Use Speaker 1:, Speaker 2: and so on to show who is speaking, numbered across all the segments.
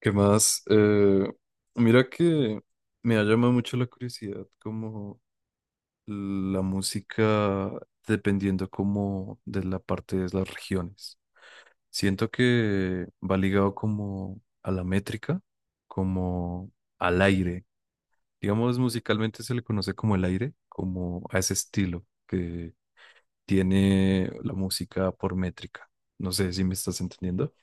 Speaker 1: ¿Qué más? Mira que me ha llamado mucho la curiosidad como la música dependiendo como de la parte de las regiones. Siento que va ligado como a la métrica, como al aire. Digamos, musicalmente se le conoce como el aire, como a ese estilo que tiene la música por métrica. No sé si me estás entendiendo.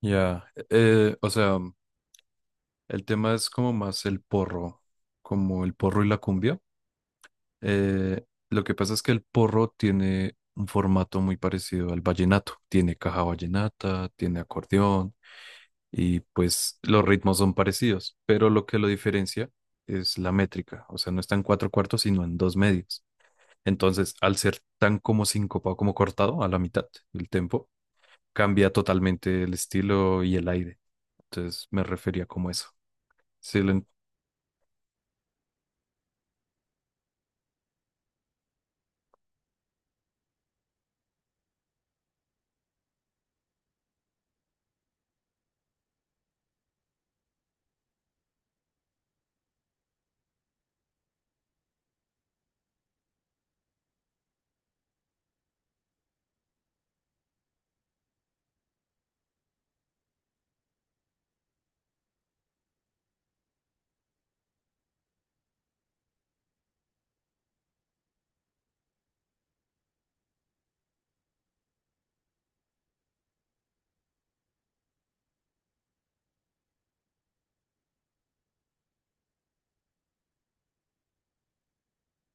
Speaker 1: Ya, o sea... El tema es como más el porro, como el porro y la cumbia. Lo que pasa es que el porro tiene un formato muy parecido al vallenato. Tiene caja vallenata, tiene acordeón y pues los ritmos son parecidos, pero lo que lo diferencia es la métrica. O sea, no está en cuatro cuartos, sino en dos medios. Entonces, al ser tan como sincopado, como cortado a la mitad del tempo, cambia totalmente el estilo y el aire. Entonces, me refería como eso. Sí,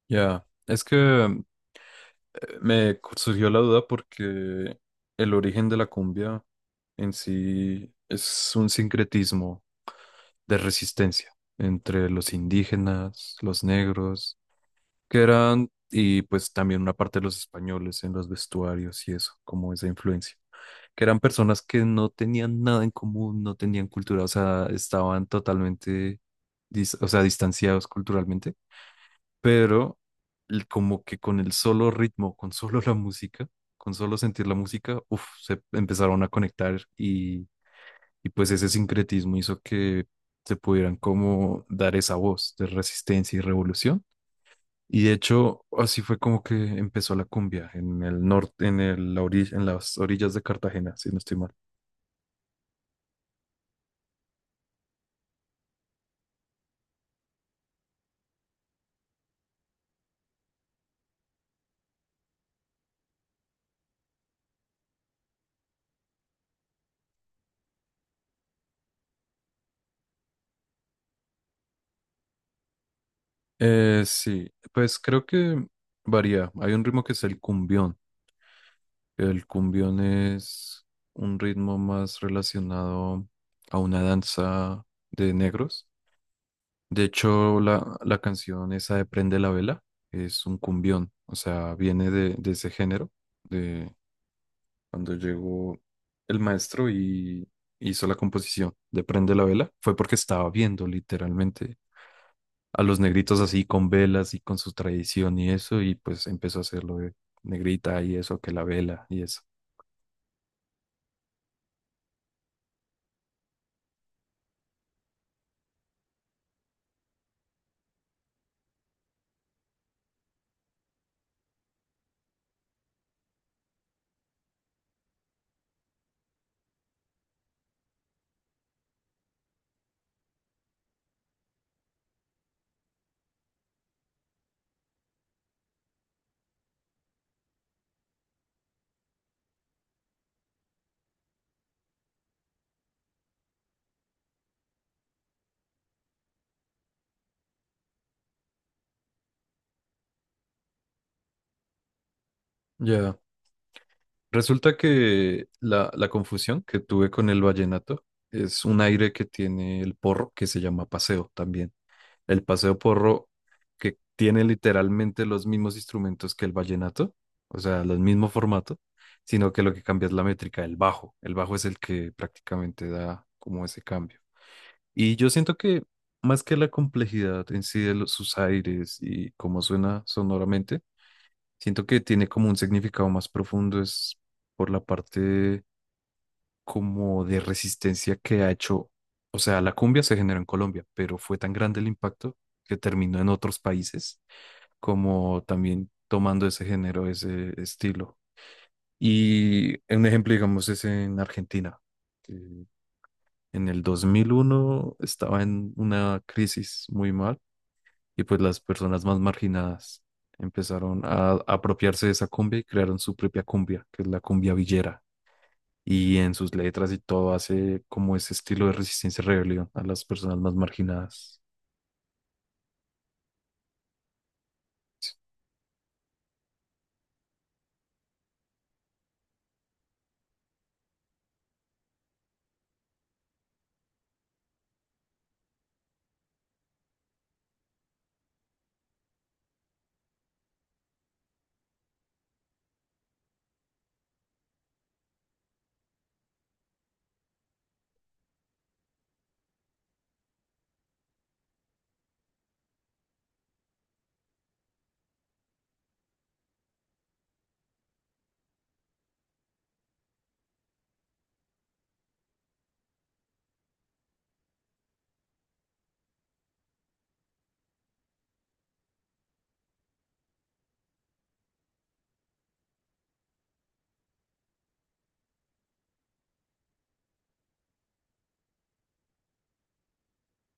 Speaker 1: ya. Es que eh, me surgió la duda porque el origen de la cumbia en sí es un sincretismo de resistencia entre los indígenas, los negros, que eran, y pues también una parte de los españoles en los vestuarios y eso, como esa influencia, que eran personas que no tenían nada en común, no tenían cultura, o sea, estaban totalmente, o sea, distanciados culturalmente, pero como que con el solo ritmo, con solo la música, con solo sentir la música, uf, se empezaron a conectar, y pues ese sincretismo hizo que se pudieran como dar esa voz de resistencia y revolución. Y de hecho, así fue como que empezó la cumbia en el norte, en el, la en las orillas de Cartagena, si no estoy mal. Sí, pues creo que varía. Hay un ritmo que es el cumbión. El cumbión es un ritmo más relacionado a una danza de negros. De hecho, la canción esa de Prende la Vela es un cumbión, o sea, viene de ese género, de cuando llegó el maestro y hizo la composición de Prende la Vela, fue porque estaba viendo literalmente a los negritos así con velas y con su tradición y eso, y pues empezó a hacerlo de negrita y eso, que la vela y eso. Ya. Resulta que la confusión que tuve con el vallenato es un aire que tiene el porro que se llama paseo también. El paseo porro que tiene literalmente los mismos instrumentos que el vallenato, o sea, el mismo formato, sino que lo que cambia es la métrica, el bajo. El bajo es el que prácticamente da como ese cambio. Y yo siento que más que la complejidad en sí de sus aires y cómo suena sonoramente, siento que tiene como un significado más profundo, es por la parte como de resistencia que ha hecho, o sea, la cumbia se generó en Colombia, pero fue tan grande el impacto que terminó en otros países, como también tomando ese género, ese estilo. Y un ejemplo, digamos, es en Argentina, que en el 2001 estaba en una crisis muy mal y pues las personas más marginadas empezaron a apropiarse de esa cumbia y crearon su propia cumbia, que es la cumbia villera. Y en sus letras y todo hace como ese estilo de resistencia y rebelión a las personas más marginadas.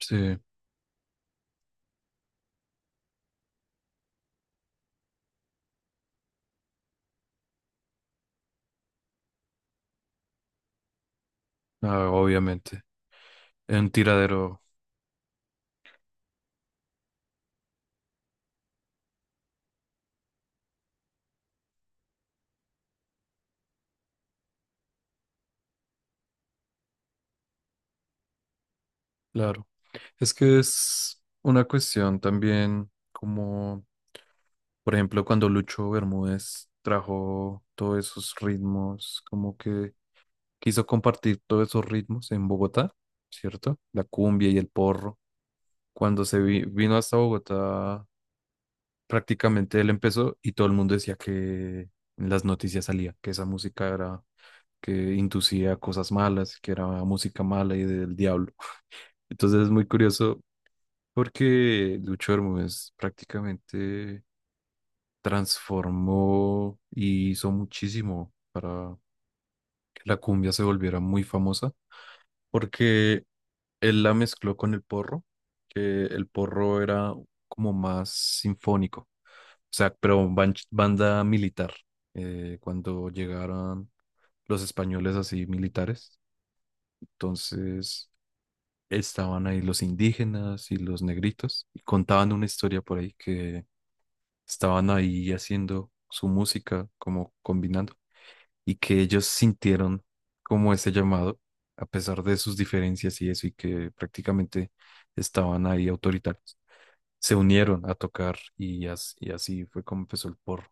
Speaker 1: Sí, ah, obviamente. En tiradero, claro. Es que es una cuestión también como... Por ejemplo, cuando Lucho Bermúdez trajo todos esos ritmos, como que quiso compartir todos esos ritmos en Bogotá, ¿cierto? La cumbia y el porro. Cuando se vino hasta Bogotá, prácticamente él empezó y todo el mundo decía que en las noticias salía, que esa música era, que inducía cosas malas, que era música mala y del diablo. Entonces es muy curioso porque Lucho Bermúdez prácticamente transformó y hizo muchísimo para que la cumbia se volviera muy famosa, porque él la mezcló con el porro, que el porro era como más sinfónico, o sea, pero banda militar, cuando llegaron los españoles así militares, entonces estaban ahí los indígenas y los negritos y contaban una historia por ahí que estaban ahí haciendo su música, como combinando, y que ellos sintieron como ese llamado, a pesar de sus diferencias y eso, y que prácticamente estaban ahí autoritarios. Se unieron a tocar y, y así fue como empezó el porro.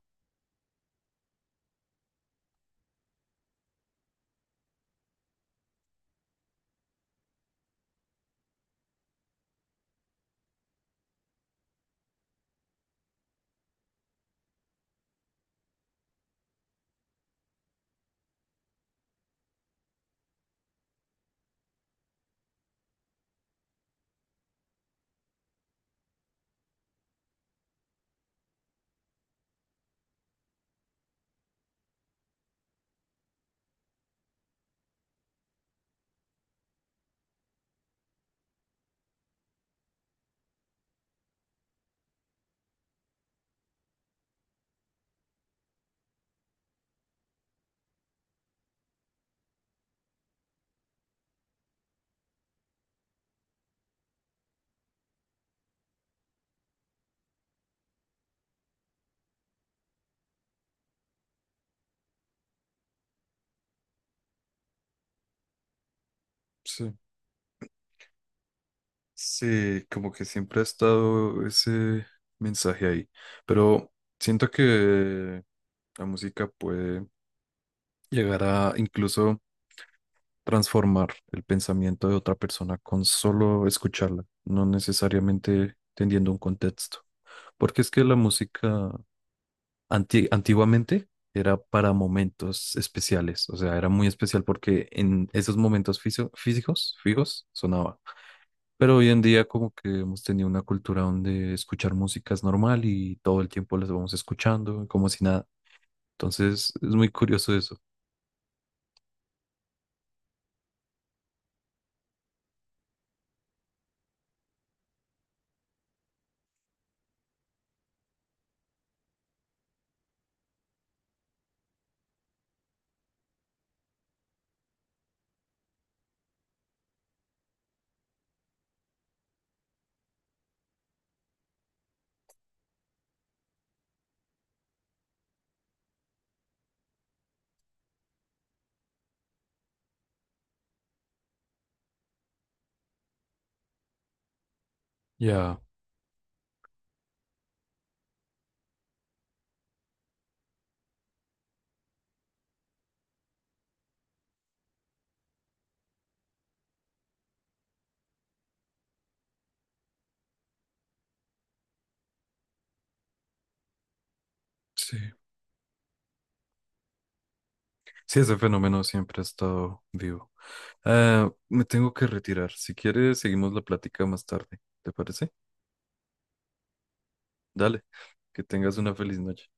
Speaker 1: Sí. Sí, como que siempre ha estado ese mensaje ahí, pero siento que la música puede llegar a incluso transformar el pensamiento de otra persona con solo escucharla, no necesariamente teniendo un contexto. Porque es que la música antiguamente era para momentos especiales, o sea, era muy especial porque en esos momentos físicos, fijos, sonaba. Pero hoy en día como que hemos tenido una cultura donde escuchar música es normal y todo el tiempo las vamos escuchando, como si nada. Entonces es muy curioso eso. Ya, sí. Sí, ese fenómeno siempre ha estado vivo. Ah, me tengo que retirar. Si quieres, seguimos la plática más tarde. ¿Te parece? Dale, que tengas una feliz noche.